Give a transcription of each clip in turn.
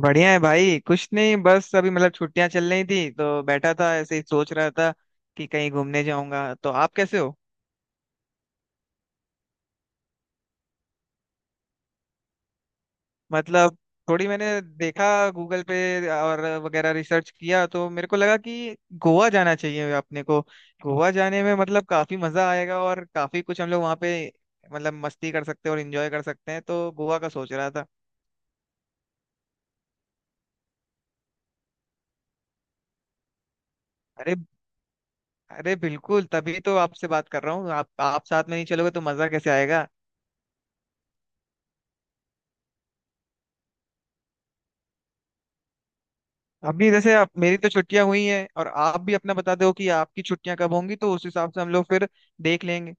बढ़िया है भाई। कुछ नहीं, बस अभी मतलब छुट्टियां चल रही थी तो बैठा था ऐसे ही सोच रहा था कि कहीं घूमने जाऊंगा। तो आप कैसे हो? मतलब थोड़ी मैंने देखा गूगल पे और वगैरह रिसर्च किया तो मेरे को लगा कि गोवा जाना चाहिए अपने को। गोवा जाने में मतलब काफी मजा आएगा और काफी कुछ हम लोग वहाँ पे मतलब मस्ती कर सकते हैं और एंजॉय कर सकते हैं, तो गोवा का सोच रहा था। अरे, अरे बिल्कुल, तभी तो आपसे बात कर रहा हूँ। आप साथ में नहीं चलोगे तो मजा कैसे आएगा? अभी जैसे आप, मेरी तो छुट्टियां हुई हैं और आप भी अपना बता दो कि आपकी छुट्टियां कब होंगी तो उस हिसाब से हम लोग फिर देख लेंगे।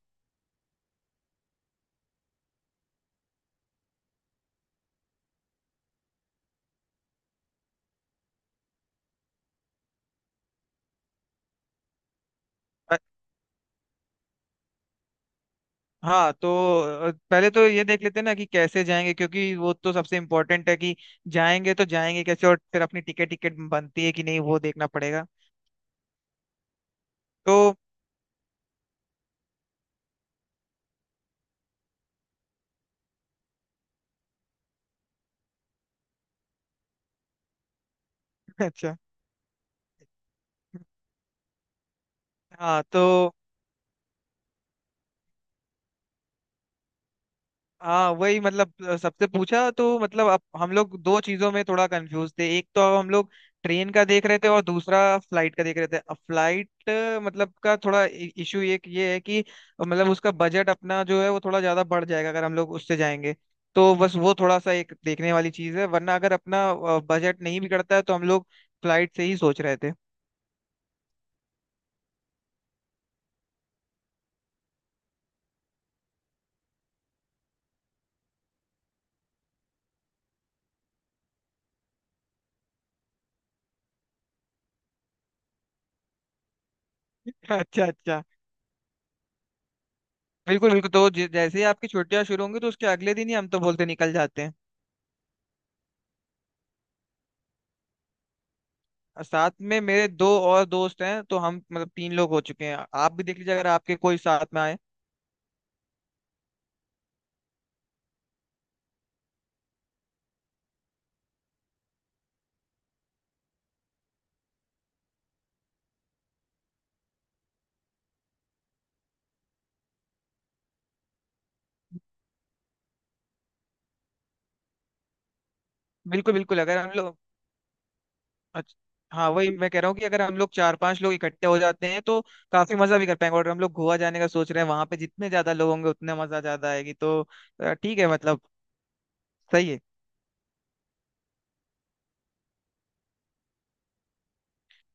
अ- हाँ तो पहले तो ये देख लेते हैं ना कि कैसे जाएंगे, क्योंकि वो तो सबसे इम्पोर्टेंट है कि जाएंगे तो जाएंगे कैसे। और फिर अपनी टिकट टिकट बनती है कि नहीं वो देखना पड़ेगा। तो अच्छा। हाँ तो हाँ, वही मतलब सबसे पूछा तो मतलब अब हम लोग दो चीजों में थोड़ा कंफ्यूज थे। एक तो हम लोग ट्रेन का देख रहे थे और दूसरा फ्लाइट का देख रहे थे। अब फ्लाइट मतलब का थोड़ा इशू एक ये है कि मतलब उसका बजट अपना जो है वो थोड़ा ज्यादा बढ़ जाएगा अगर हम लोग उससे जाएंगे, तो बस वो थोड़ा सा एक देखने वाली चीज है। वरना अगर अपना बजट नहीं बिगड़ता है तो हम लोग फ्लाइट से ही सोच रहे थे। अच्छा अच्छा। बिल्कुल बिल्कुल, तो जैसे ही आपकी छुट्टियां शुरू होंगी तो उसके अगले दिन ही हम तो बोलते निकल जाते हैं। साथ में मेरे दो और दोस्त हैं तो हम मतलब तीन लोग हो चुके हैं। आप भी देख लीजिए अगर आपके कोई साथ में आए। बिल्कुल बिल्कुल, अगर हम लोग, अच्छा, हाँ वही मैं कह रहा हूँ कि अगर हम लोग चार पांच लोग इकट्ठे हो जाते हैं तो काफी मजा भी कर पाएंगे। और हम लोग गोवा जाने का सोच रहे हैं, वहां पे जितने ज्यादा लोग होंगे उतने मजा ज्यादा आएगी। तो ठीक है, मतलब सही है।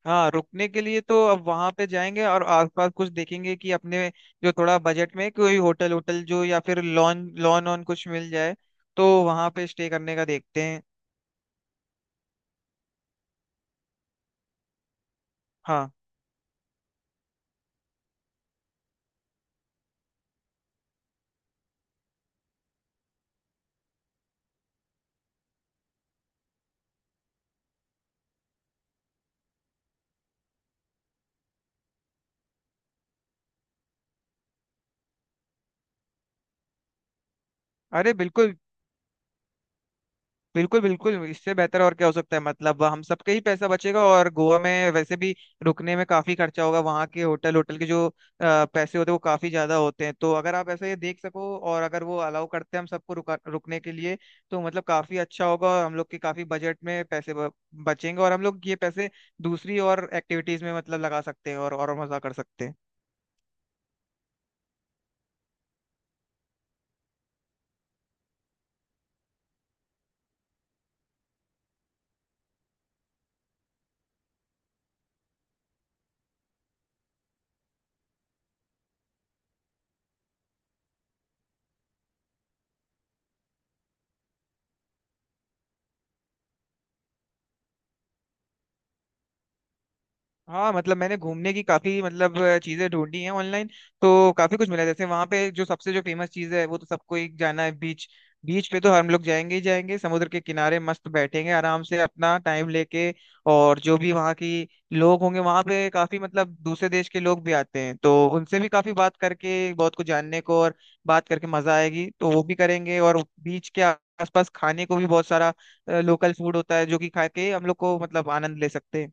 हाँ, रुकने के लिए तो अब वहां पे जाएंगे और आसपास कुछ देखेंगे कि अपने जो थोड़ा बजट में कोई होटल होटल जो या फिर लॉन लॉन ऑन कुछ मिल जाए तो वहां पे स्टे करने का देखते हैं। हाँ, अरे बिल्कुल, बिल्कुल बिल्कुल, इससे बेहतर और क्या हो सकता है? मतलब हम सबका ही पैसा बचेगा और गोवा में वैसे भी रुकने में काफी खर्चा होगा। वहाँ के होटल होटल के जो पैसे होते हैं वो काफी ज्यादा होते हैं। तो अगर आप ऐसा ये देख सको और अगर वो अलाउ करते हैं हम सबको रुका रुकने के लिए तो मतलब काफी अच्छा होगा और हम लोग के काफी बजट में पैसे बचेंगे। और हम लोग ये पैसे दूसरी और एक्टिविटीज में मतलब लगा सकते हैं और मजा कर सकते हैं। हाँ मतलब मैंने घूमने की काफी मतलब चीजें ढूंढी हैं ऑनलाइन। तो काफी कुछ मिला। जैसे वहां पे जो सबसे जो फेमस चीज है वो तो सबको एक जाना है बीच, बीच पे तो हम लोग जाएंगे ही जाएंगे। समुद्र के किनारे मस्त बैठेंगे आराम से अपना टाइम लेके, और जो भी वहाँ की लोग होंगे वहां पे, काफी मतलब दूसरे देश के लोग भी आते हैं तो उनसे भी काफी बात करके बहुत कुछ जानने को और बात करके मजा आएगी तो वो भी करेंगे। और बीच के आसपास खाने को भी बहुत सारा लोकल फूड होता है जो कि खा के हम लोग को मतलब आनंद ले सकते हैं।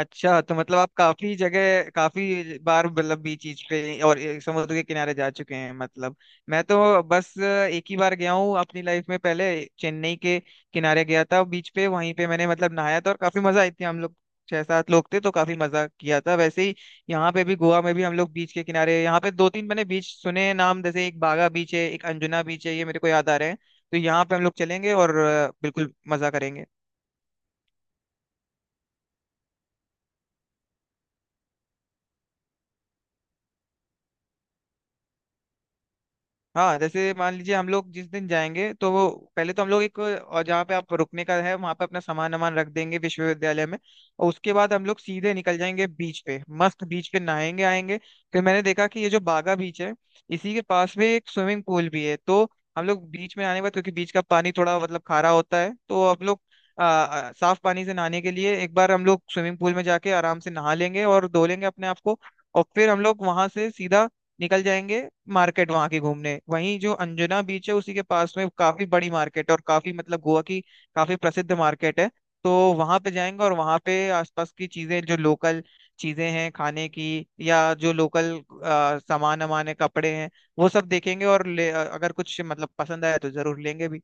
अच्छा, तो मतलब आप काफी जगह काफी बार मतलब बीच चीज पे और ये समुद्र के किनारे जा चुके हैं मतलब। मैं तो बस एक ही बार गया हूँ अपनी लाइफ में पहले। चेन्नई के किनारे गया था बीच पे, वहीं पे मैंने मतलब नहाया था और काफी मजा आई थी। हम लोग छह सात लोग थे तो काफी मजा किया था। वैसे ही यहाँ पे भी, गोवा में भी हम लोग बीच के किनारे, यहाँ पे दो तीन मैंने बीच सुने हैं नाम, जैसे एक बागा बीच है एक अंजुना बीच है, ये मेरे को याद आ रहे हैं। तो यहाँ पे हम लोग चलेंगे और बिल्कुल मजा करेंगे। हाँ, जैसे मान लीजिए हम लोग जिस दिन जाएंगे तो वो पहले तो हम लोग एक, और जहाँ पे आप रुकने का है वहाँ पे अपना सामान वामान रख देंगे विश्वविद्यालय में। और उसके बाद हम लोग सीधे निकल जाएंगे बीच पे, मस्त बीच पे नहाएंगे आएंगे। फिर मैंने देखा कि ये जो बागा बीच है इसी के पास में एक स्विमिंग पूल भी है। तो हम लोग बीच में आने के बाद, क्योंकि बीच का पानी थोड़ा मतलब खारा होता है, तो हम लोग आ, आ, साफ पानी से नहाने के लिए एक बार हम लोग स्विमिंग पूल में जाके आराम से नहा लेंगे और धो लेंगे अपने आप को। और फिर हम लोग वहां से सीधा निकल जाएंगे मार्केट वहां की घूमने। वहीं जो अंजुना बीच है उसी के पास में काफी बड़ी मार्केट है और काफी मतलब गोवा की काफी प्रसिद्ध मार्केट है। तो वहां पे जाएंगे और वहां पे आसपास की चीजें जो लोकल चीजें हैं खाने की, या जो लोकल सामान वामान है, कपड़े हैं, वो सब देखेंगे और ले, अगर कुछ मतलब पसंद आया तो जरूर लेंगे भी।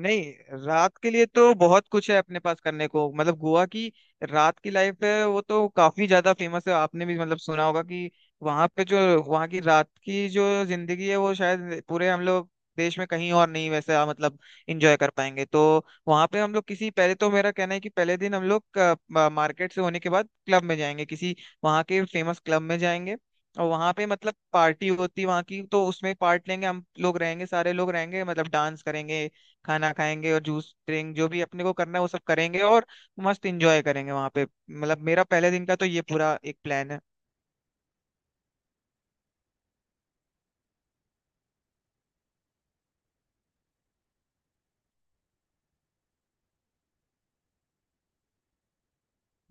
नहीं, रात के लिए तो बहुत कुछ है अपने पास करने को। मतलब गोवा की रात की लाइफ है वो तो काफी ज्यादा फेमस है। आपने भी मतलब सुना होगा कि वहां पे जो, वहां की रात की जो जिंदगी है वो शायद पूरे हम लोग देश में कहीं और नहीं वैसे मतलब एंजॉय कर पाएंगे। तो वहां पे हम लोग किसी, पहले तो मेरा कहना है कि पहले दिन हम लोग मार्केट से होने के बाद क्लब में जाएंगे, किसी वहां के फेमस क्लब में जाएंगे। और वहां पे मतलब पार्टी होती है वहां की तो उसमें पार्ट लेंगे, हम लोग रहेंगे सारे लोग रहेंगे मतलब डांस करेंगे खाना खाएंगे और जूस ड्रिंक जो भी अपने को करना है वो सब करेंगे और मस्त इंजॉय करेंगे वहां पे। मतलब मेरा पहले दिन का तो ये पूरा एक प्लान है।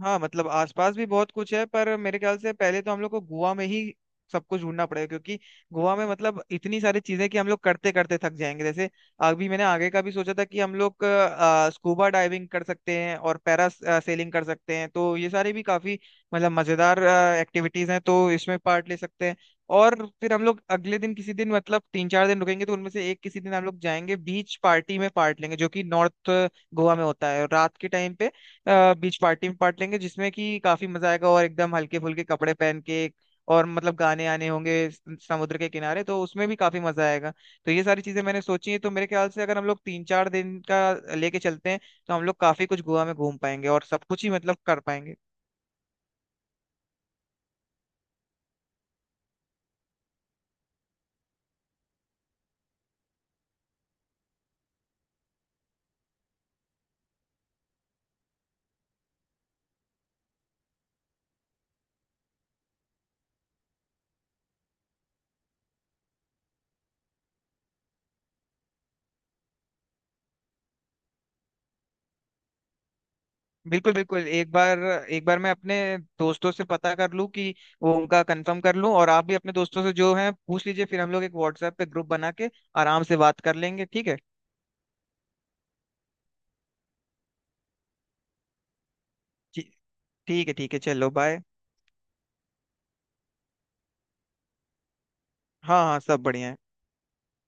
हाँ मतलब आसपास भी बहुत कुछ है पर मेरे ख्याल से पहले तो हम लोग को गोवा में ही सब कुछ ढूंढना पड़ेगा, क्योंकि गोवा में मतलब इतनी सारी चीजें कि हम लोग करते करते थक जाएंगे। जैसे अभी मैंने आगे का भी सोचा था कि हम लोग स्कूबा डाइविंग कर सकते हैं और पैरा सेलिंग कर सकते हैं। तो ये सारी भी काफी मतलब मजेदार एक्टिविटीज हैं तो इसमें पार्ट ले सकते हैं। और फिर हम लोग अगले दिन, किसी दिन मतलब तीन चार दिन रुकेंगे तो उनमें से एक किसी दिन हम लोग जाएंगे बीच पार्टी में पार्ट लेंगे, जो कि नॉर्थ गोवा में होता है रात के टाइम पे। बीच पार्टी में पार्ट लेंगे, जिसमें कि काफी मजा आएगा और एकदम हल्के फुल्के कपड़े पहन के, और मतलब गाने आने होंगे समुद्र के किनारे तो उसमें भी काफी मजा आएगा। तो ये सारी चीजें मैंने सोची हैं, तो मेरे ख्याल से अगर हम लोग तीन चार दिन का लेके चलते हैं तो हम लोग काफी कुछ गोवा में घूम पाएंगे और सब कुछ ही मतलब कर पाएंगे। बिल्कुल बिल्कुल, एक बार मैं अपने दोस्तों से पता कर लूं कि वो, उनका कंफर्म कर लूं, और आप भी अपने दोस्तों से जो है पूछ लीजिए, फिर हम लोग एक व्हाट्सएप पे ग्रुप बना के आराम से बात कर लेंगे। ठीक है। ठी- ठीक है, ठीक है, चलो बाय। हाँ हाँ, सब बढ़िया है।